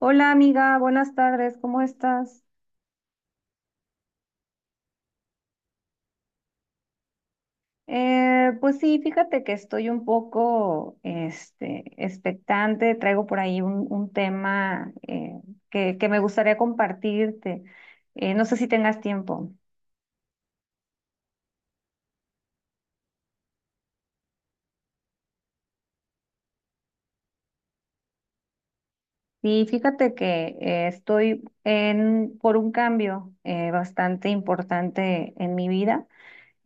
Hola amiga, buenas tardes, ¿cómo estás? Pues sí, fíjate que estoy un poco este, expectante, traigo por ahí un tema que me gustaría compartirte. No sé si tengas tiempo. Sí, fíjate que estoy por un cambio bastante importante en mi vida.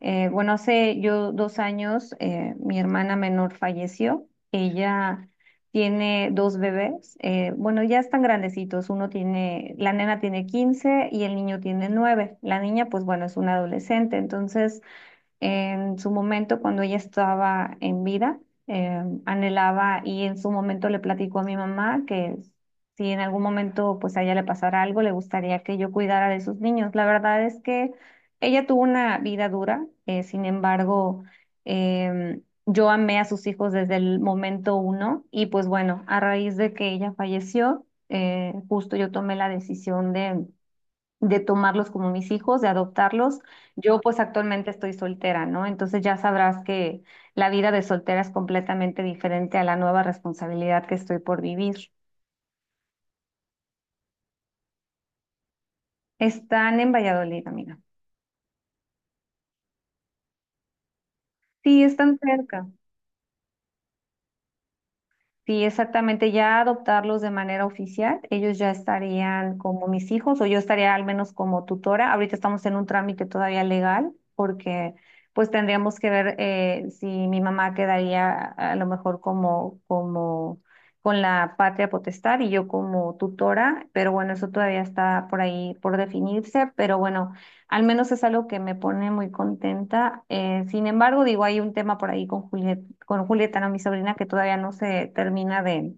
Bueno, hace yo 2 años mi hermana menor falleció. Ella tiene dos bebés. Bueno, ya están grandecitos. La nena tiene 15 y el niño tiene 9. La niña, pues bueno, es una adolescente. Entonces, en su momento, cuando ella estaba en vida, anhelaba y en su momento le platicó a mi mamá que si en algún momento pues a ella le pasara algo, le gustaría que yo cuidara de sus niños. La verdad es que ella tuvo una vida dura, sin embargo, yo amé a sus hijos desde el momento uno y pues bueno, a raíz de que ella falleció, justo yo tomé la decisión de tomarlos como mis hijos, de adoptarlos. Yo pues actualmente estoy soltera, ¿no? Entonces ya sabrás que la vida de soltera es completamente diferente a la nueva responsabilidad que estoy por vivir. Están en Valladolid, amiga. Sí, están cerca. Sí, exactamente, ya adoptarlos de manera oficial, ellos ya estarían como mis hijos o yo estaría al menos como tutora. Ahorita estamos en un trámite todavía legal porque pues tendríamos que ver si mi mamá quedaría a lo mejor como, con la patria potestad y yo como tutora, pero bueno, eso todavía está por ahí por definirse, pero bueno. Al menos es algo que me pone muy contenta. Sin embargo, digo, hay un tema por ahí con Julieta, ¿no? Mi sobrina, que todavía no se termina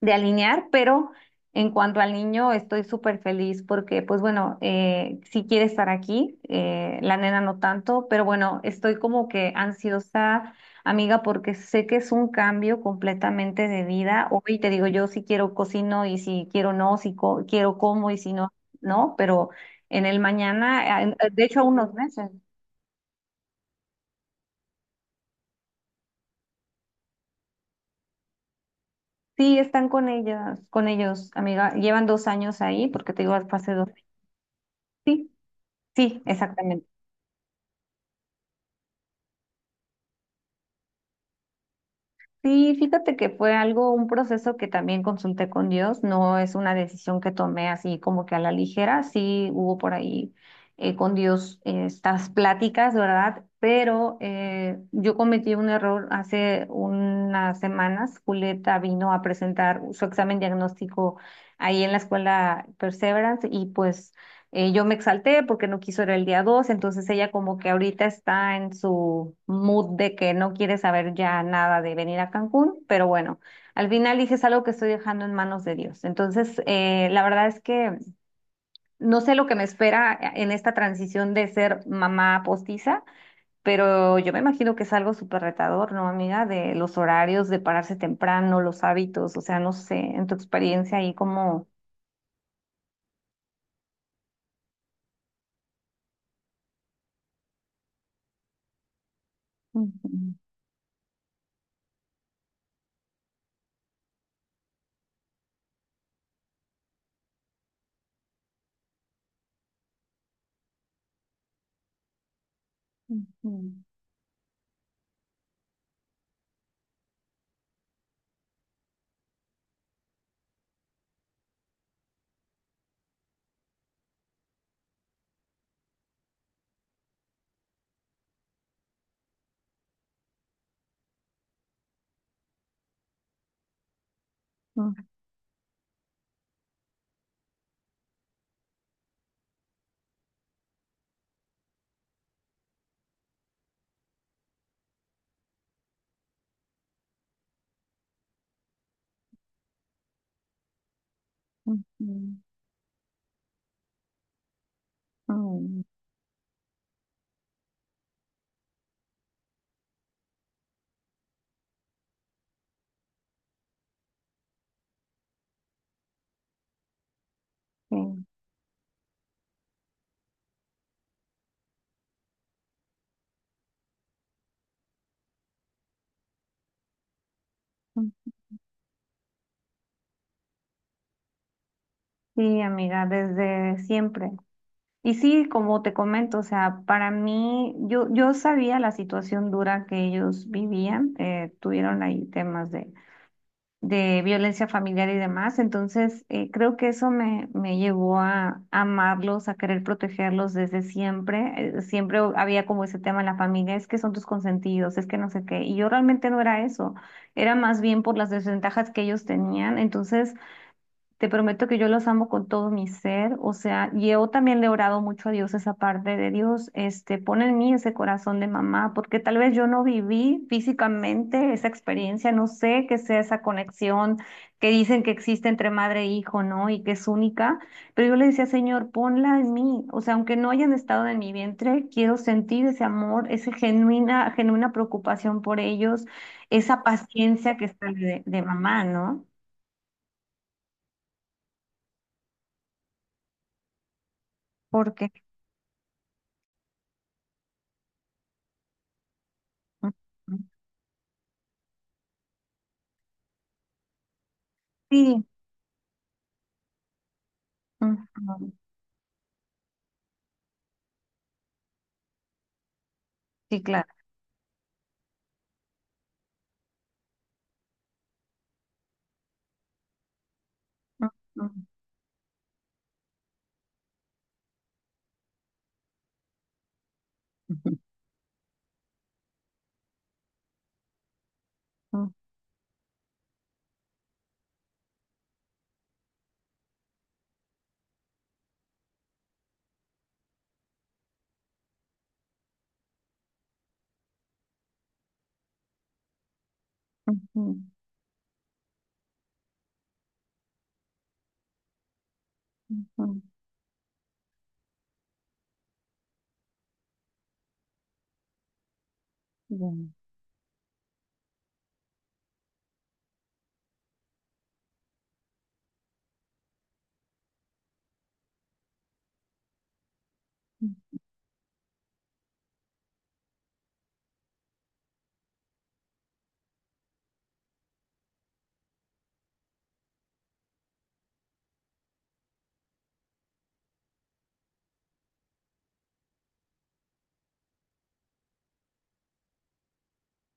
de alinear, pero en cuanto al niño estoy súper feliz porque, pues bueno, sí quiere estar aquí, la nena no tanto, pero bueno, estoy como que ansiosa, amiga, porque sé que es un cambio completamente de vida. Hoy te digo, yo si quiero cocino y si quiero no, si quiero como y si no, no, pero en el mañana, de hecho, a unos meses. Sí, están con ellas, con ellos, amiga. Llevan 2 años ahí, porque te digo, hace dos. Sí, sí, exactamente. Sí, fíjate que fue algo, un proceso que también consulté con Dios, no es una decisión que tomé así como que a la ligera, sí hubo por ahí con Dios estas pláticas, ¿verdad? Pero yo cometí un error hace unas semanas, Julieta vino a presentar su examen diagnóstico ahí en la escuela Perseverance y pues. Yo me exalté porque no quiso ir el día 2, entonces ella como que ahorita está en su mood de que no quiere saber ya nada de venir a Cancún, pero bueno, al final dije es algo que estoy dejando en manos de Dios. Entonces, la verdad es que no sé lo que me espera en esta transición de ser mamá postiza, pero yo me imagino que es algo súper retador, ¿no, amiga? De los horarios, de pararse temprano, los hábitos, o sea, no sé, en tu experiencia ahí como. Ujú, ujú, ujú, ujú. Mm, sí, mm, sí, amiga, desde siempre. Y sí, como te comento, o sea, para mí, yo sabía la situación dura que ellos vivían, tuvieron ahí temas de violencia familiar y demás, entonces creo que eso me llevó a amarlos, a querer protegerlos desde siempre. Siempre había como ese tema en la familia, es que son tus consentidos, es que no sé qué, y yo realmente no era eso, era más bien por las desventajas que ellos tenían, entonces. Te prometo que yo los amo con todo mi ser, o sea, yo también le he orado mucho a Dios esa parte de Dios, este, pon en mí ese corazón de mamá, porque tal vez yo no viví físicamente esa experiencia, no sé qué sea esa conexión que dicen que existe entre madre e hijo, ¿no? Y que es única, pero yo le decía, Señor, ponla en mí, o sea, aunque no hayan estado en mi vientre, quiero sentir ese amor, esa genuina, genuina preocupación por ellos, esa paciencia que está de mamá, ¿no? Porque. Sí, ujú, sí, claro. Ujú, ujú, ujú, ujú, bien.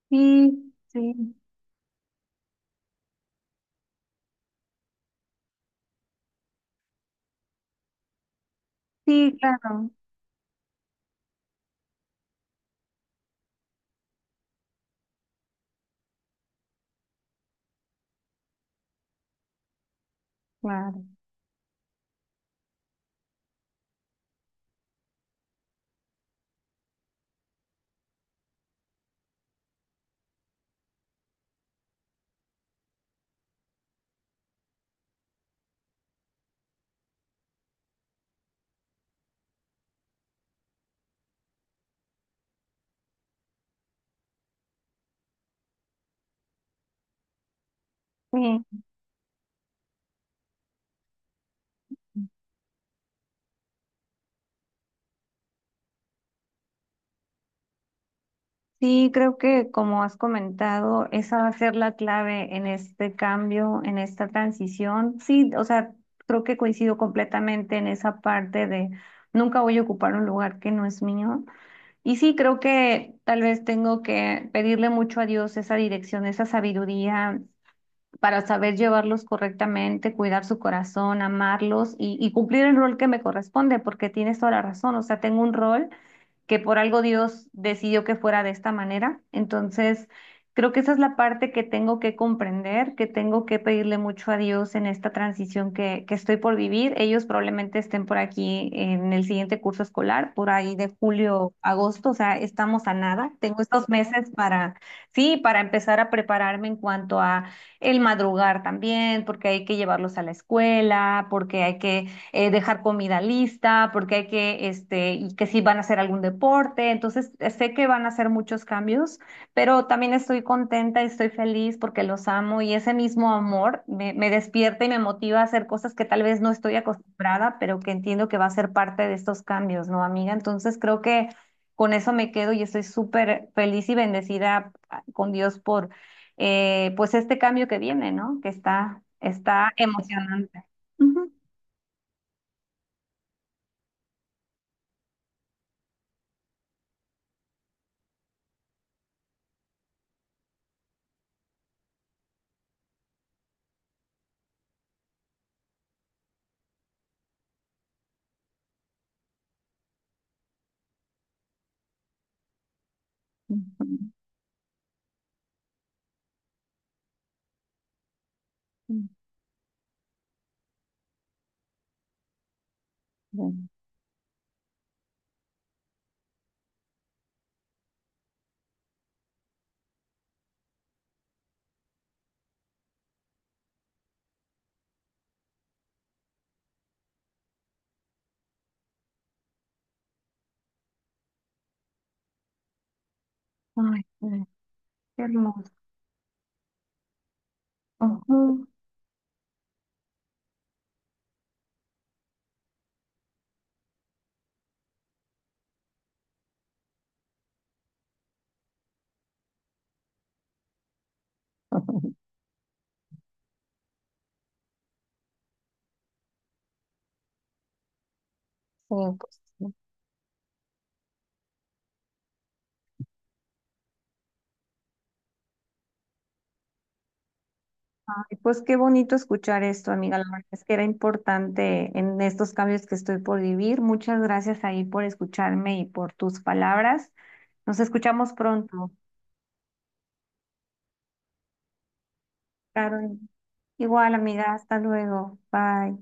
Sí, sí, sí, claro, claro. Sí, sí, creo que como has comentado, esa va a ser la clave en este cambio, en esta transición. Sí, o sea, creo que coincido completamente en esa parte de nunca voy a ocupar un lugar que no es mío. Y sí, creo que tal vez tengo que pedirle mucho a Dios esa dirección, esa sabiduría para saber llevarlos correctamente, cuidar su corazón, amarlos y cumplir el rol que me corresponde, porque tienes toda la razón, o sea, tengo un rol que por algo Dios decidió que fuera de esta manera. Entonces, creo que esa es la parte que tengo que comprender, que tengo que pedirle mucho a Dios en esta transición que estoy por vivir. Ellos probablemente estén por aquí en el siguiente curso escolar, por ahí de julio, agosto, o sea, estamos a nada. Tengo estos meses para, sí, para empezar a prepararme en cuanto a el madrugar también, porque hay que llevarlos a la escuela, porque hay que dejar comida lista, porque hay que, este, y que si van a hacer algún deporte, entonces sé que van a hacer muchos cambios, pero también estoy contenta y estoy feliz porque los amo y ese mismo amor me despierta y me motiva a hacer cosas que tal vez no estoy acostumbrada, pero que entiendo que va a ser parte de estos cambios, ¿no, amiga? Entonces creo que con eso me quedo y estoy súper feliz y bendecida ah, con Dios por, pues, este cambio que viene, ¿no? Que está emocionante. Ujú. Ujú. Mm, bueno. Ay, ay, qué hermoso. Ujú. Sí, pues, sí. Ay, pues qué bonito escuchar esto, amiga. La verdad es que era importante en estos cambios que estoy por vivir. Muchas gracias ahí por escucharme y por tus palabras. Nos escuchamos pronto. Claro. Igual, amiga. Hasta luego. Bye.